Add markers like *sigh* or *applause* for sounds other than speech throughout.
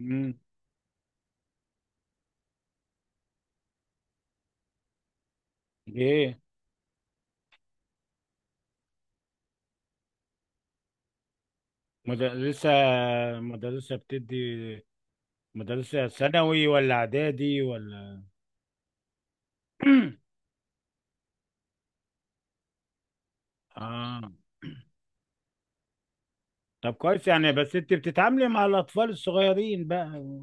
امم ايه. مدرسة، مدرسة بتدي، مدرسة ثانوي ولا اعدادي ولا *clears throat* اه؟ طب كويس يعني، بس انت بتتعاملي مع الاطفال الصغيرين بقى.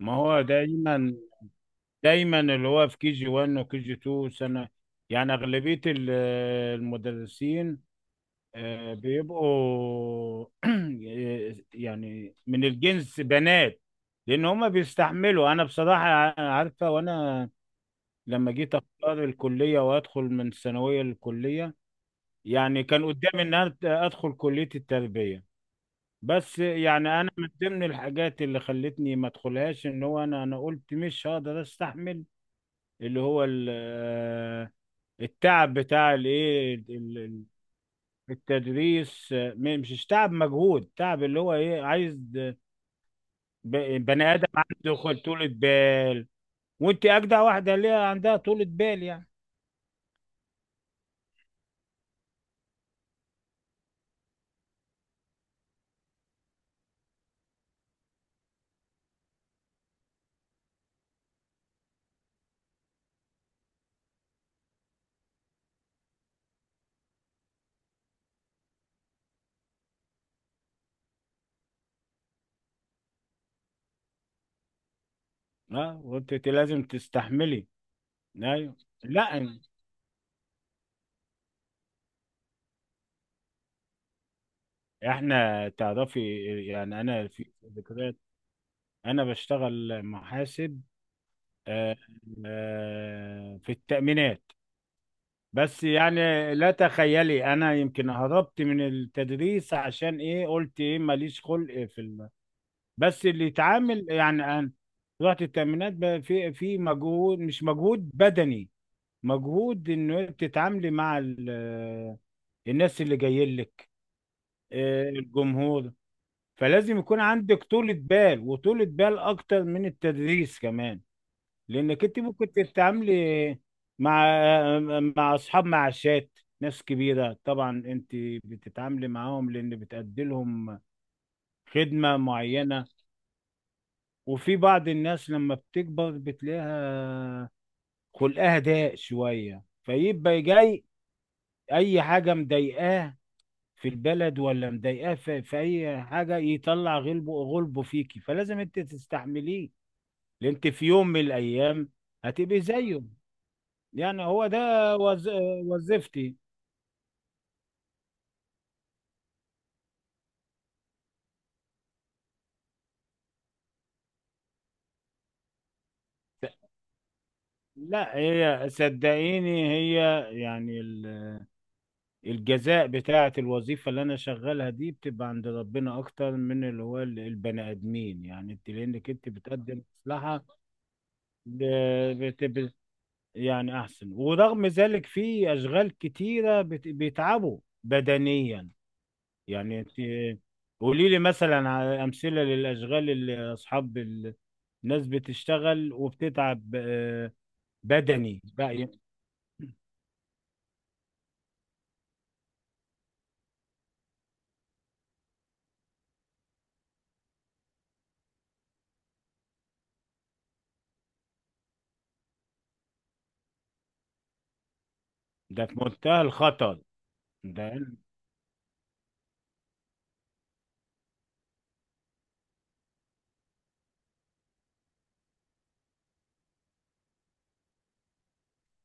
ما هو دايما اللي هو في كي جي 1 وكي جي 2 سنة، يعني اغلبية المدرسين بيبقوا *clears throat* يعني من الجنس بنات، لان هما بيستحملوا. انا بصراحة عارفة، وانا لما جيت اختار الكليه وادخل من الثانويه للكليه، يعني كان قدامي ان انا ادخل كليه التربيه، بس يعني انا من ضمن الحاجات اللي خلتني ما ادخلهاش ان هو انا قلت مش هقدر استحمل اللي هو التعب بتاع الايه، التدريس. مش تعب مجهود، تعب اللي هو ايه، عايز بني ادم عنده طولة بال. وانت اجدع واحده ليها عندها طولة بال يعني. اه، وانت لازم تستحملي. ايوه. لا، احنا تعرفي يعني انا في ذكريات. انا بشتغل محاسب، آه، في التأمينات. بس يعني لا تخيلي، انا يمكن هربت من التدريس عشان ايه، قلت ايه ماليش خلق في الم... بس اللي يتعامل يعني انا رحت التأمينات بقى، في في مجهود، مش مجهود بدني، مجهود انه تتعاملي مع الناس اللي جايين لك، الجمهور. فلازم يكون عندك طولة بال، وطولة بال أكتر من التدريس كمان. لأنك أنت ممكن تتعاملي مع مع أصحاب معاشات، ناس كبيرة. طبعا أنت بتتعاملي معاهم لأن بتأدي لهم خدمة معينة. وفي بعض الناس لما بتكبر بتلاقيها خلقها ضيق شوية، فيبقى جاي أي حاجة مضايقاه في البلد ولا مضايقاه في, في أي حاجة، يطلع غلبه غلبه فيكي، فلازم أنت تستحمليه. اللي انت في يوم من الايام هتبقي زيه. يعني هو ده وز... وظيفتي. لا هي صدقيني، هي يعني الجزاء بتاعة الوظيفة اللي أنا شغالها دي بتبقى عند ربنا أكتر من اللي هو البني آدمين، يعني أنت لأنك أنت بتقدم مصلحة. بتبقى يعني أحسن، ورغم ذلك في أشغال كتيرة بيتعبوا بدنيا، يعني انت قولي لي مثلا على امثله للاشغال اللي اصحاب الناس بتشتغل وبتتعب، بدني بقى. ده في منتهى الخطر. ده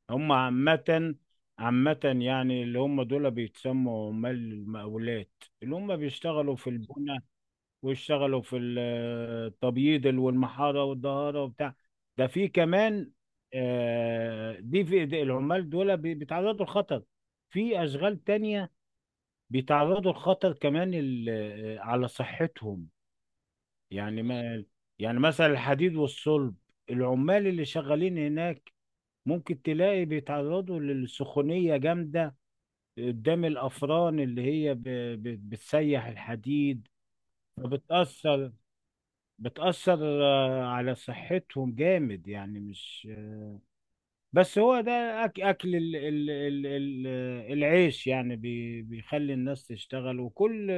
هم عامه، عامه يعني اللي هم دول بيتسموا عمال المقاولات، اللي هم بيشتغلوا في البنى، ويشتغلوا في التبييض والمحاره والدهاره وبتاع، ده في كمان. دي في العمال دول بيتعرضوا لخطر. في اشغال تانية بيتعرضوا لخطر كمان على صحتهم. يعني ما يعني مثلا الحديد والصلب، العمال اللي شغالين هناك ممكن تلاقي بيتعرضوا للسخونية جامدة قدام الأفران اللي هي بتسيح الحديد. فبتأثر، بتأثر على صحتهم جامد، يعني مش بس هو ده. أكل ال ال ال ال آه، العيش يعني بيخلي الناس تشتغل، وكل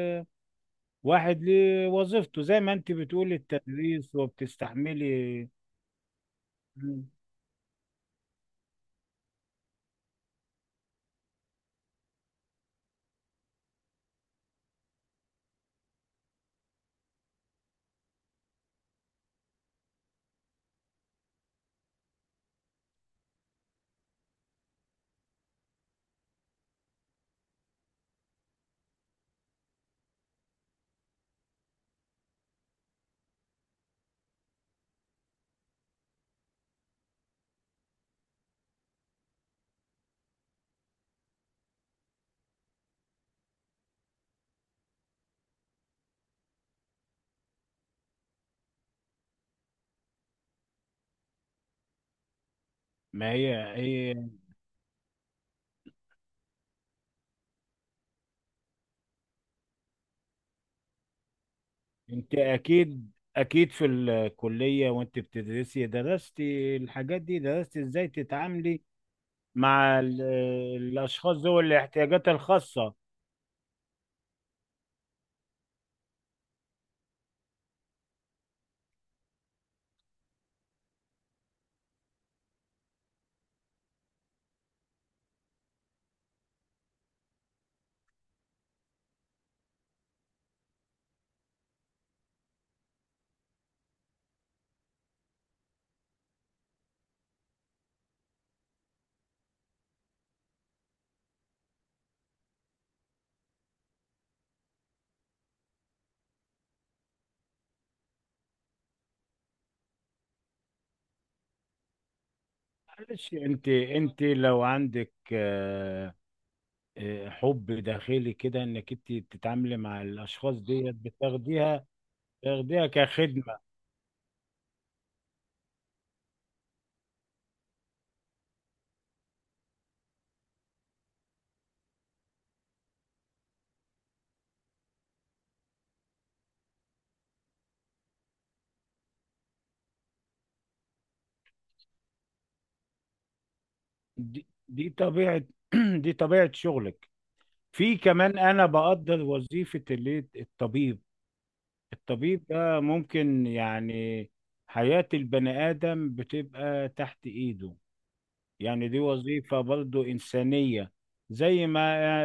واحد لوظيفته، زي ما انت بتقولي التدريس وبتستحملي. مم. ما هي هي. انت اكيد اكيد في الكلية وانت بتدرسي درستي الحاجات دي، درستي ازاي تتعاملي مع الاشخاص ذوي الاحتياجات الخاصة؟ معلش، انت انت لو عندك حب داخلي كده انك انت تتعاملي مع الاشخاص ديت بتاخديها، تاخديها كخدمة. دي, دي طبيعة *clears throat* دي طبيعة شغلك. في كمان، أنا بقدر وظيفة اللي الطبيب، الطبيب ده ممكن يعني حياة البني آدم بتبقى تحت إيده، يعني دي وظيفة برضو إنسانية، زي ما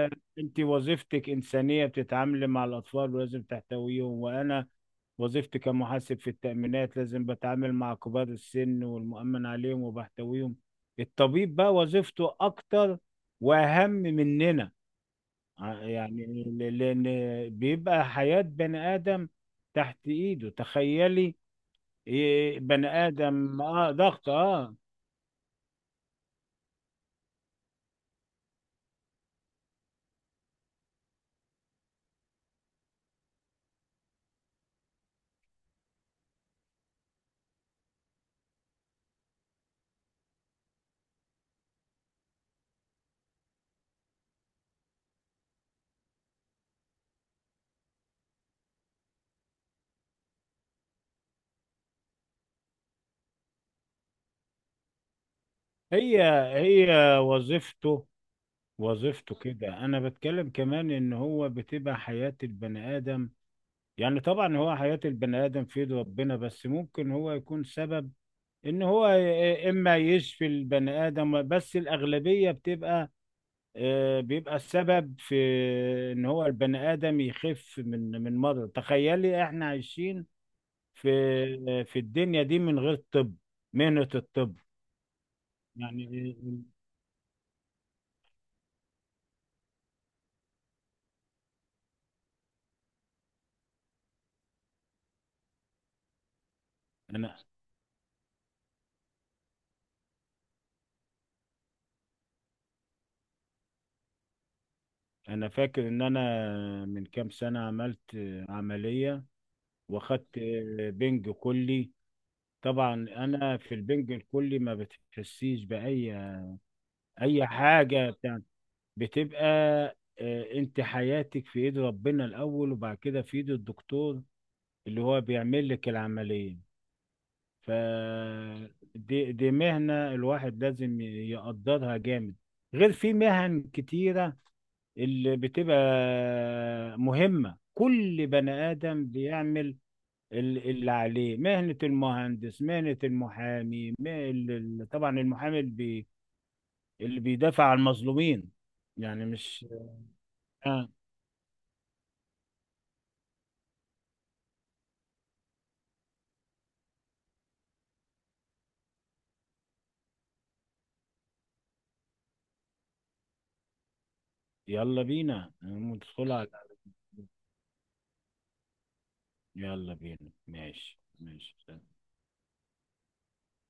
آه، أنت وظيفتك إنسانية بتتعاملي مع الأطفال ولازم تحتويهم، وأنا وظيفتي كمحاسب في التأمينات لازم بتعامل مع كبار السن والمؤمن عليهم وبحتويهم. الطبيب بقى وظيفته أكتر وأهم مننا، يعني لأن بيبقى حياة بني آدم تحت إيده. تخيلي، بني آدم، آه ضغط آه. هي هي وظيفته، وظيفته كده. انا بتكلم كمان ان هو بتبقى حياة البني ادم، يعني طبعا هو حياة البني ادم في ايد ربنا، بس ممكن هو يكون سبب ان هو ي- إيه، اما يشفي البني ادم، بس الاغلبية بتبقى بيبقى السبب في ان هو البني ادم يخف من من مرض. تخيلي احنا عايشين في في الدنيا دي من غير طب، مهنة الطب، يعني. انا انا فاكر ان انا من كام سنة عملت عملية، واخدت بنج كلي. طبعا انا في البنج الكلي ما بتحسيش باي اي حاجة. بتاع بتبقى انت حياتك في ايد ربنا الاول، وبعد كده في ايد الدكتور اللي هو بيعمل لك العملية. ف دي, دي مهنة الواحد لازم يقدرها جامد. غير في مهن كتيرة اللي بتبقى مهمة، كل بني آدم بيعمل اللي عليه، مهنة المهندس، مهنة المحامي، طبعا المحامي اللي بيدافع عن المظلومين، يعني مش آه. يلا بينا ندخل على. يلا بينا، ماشي ماشي.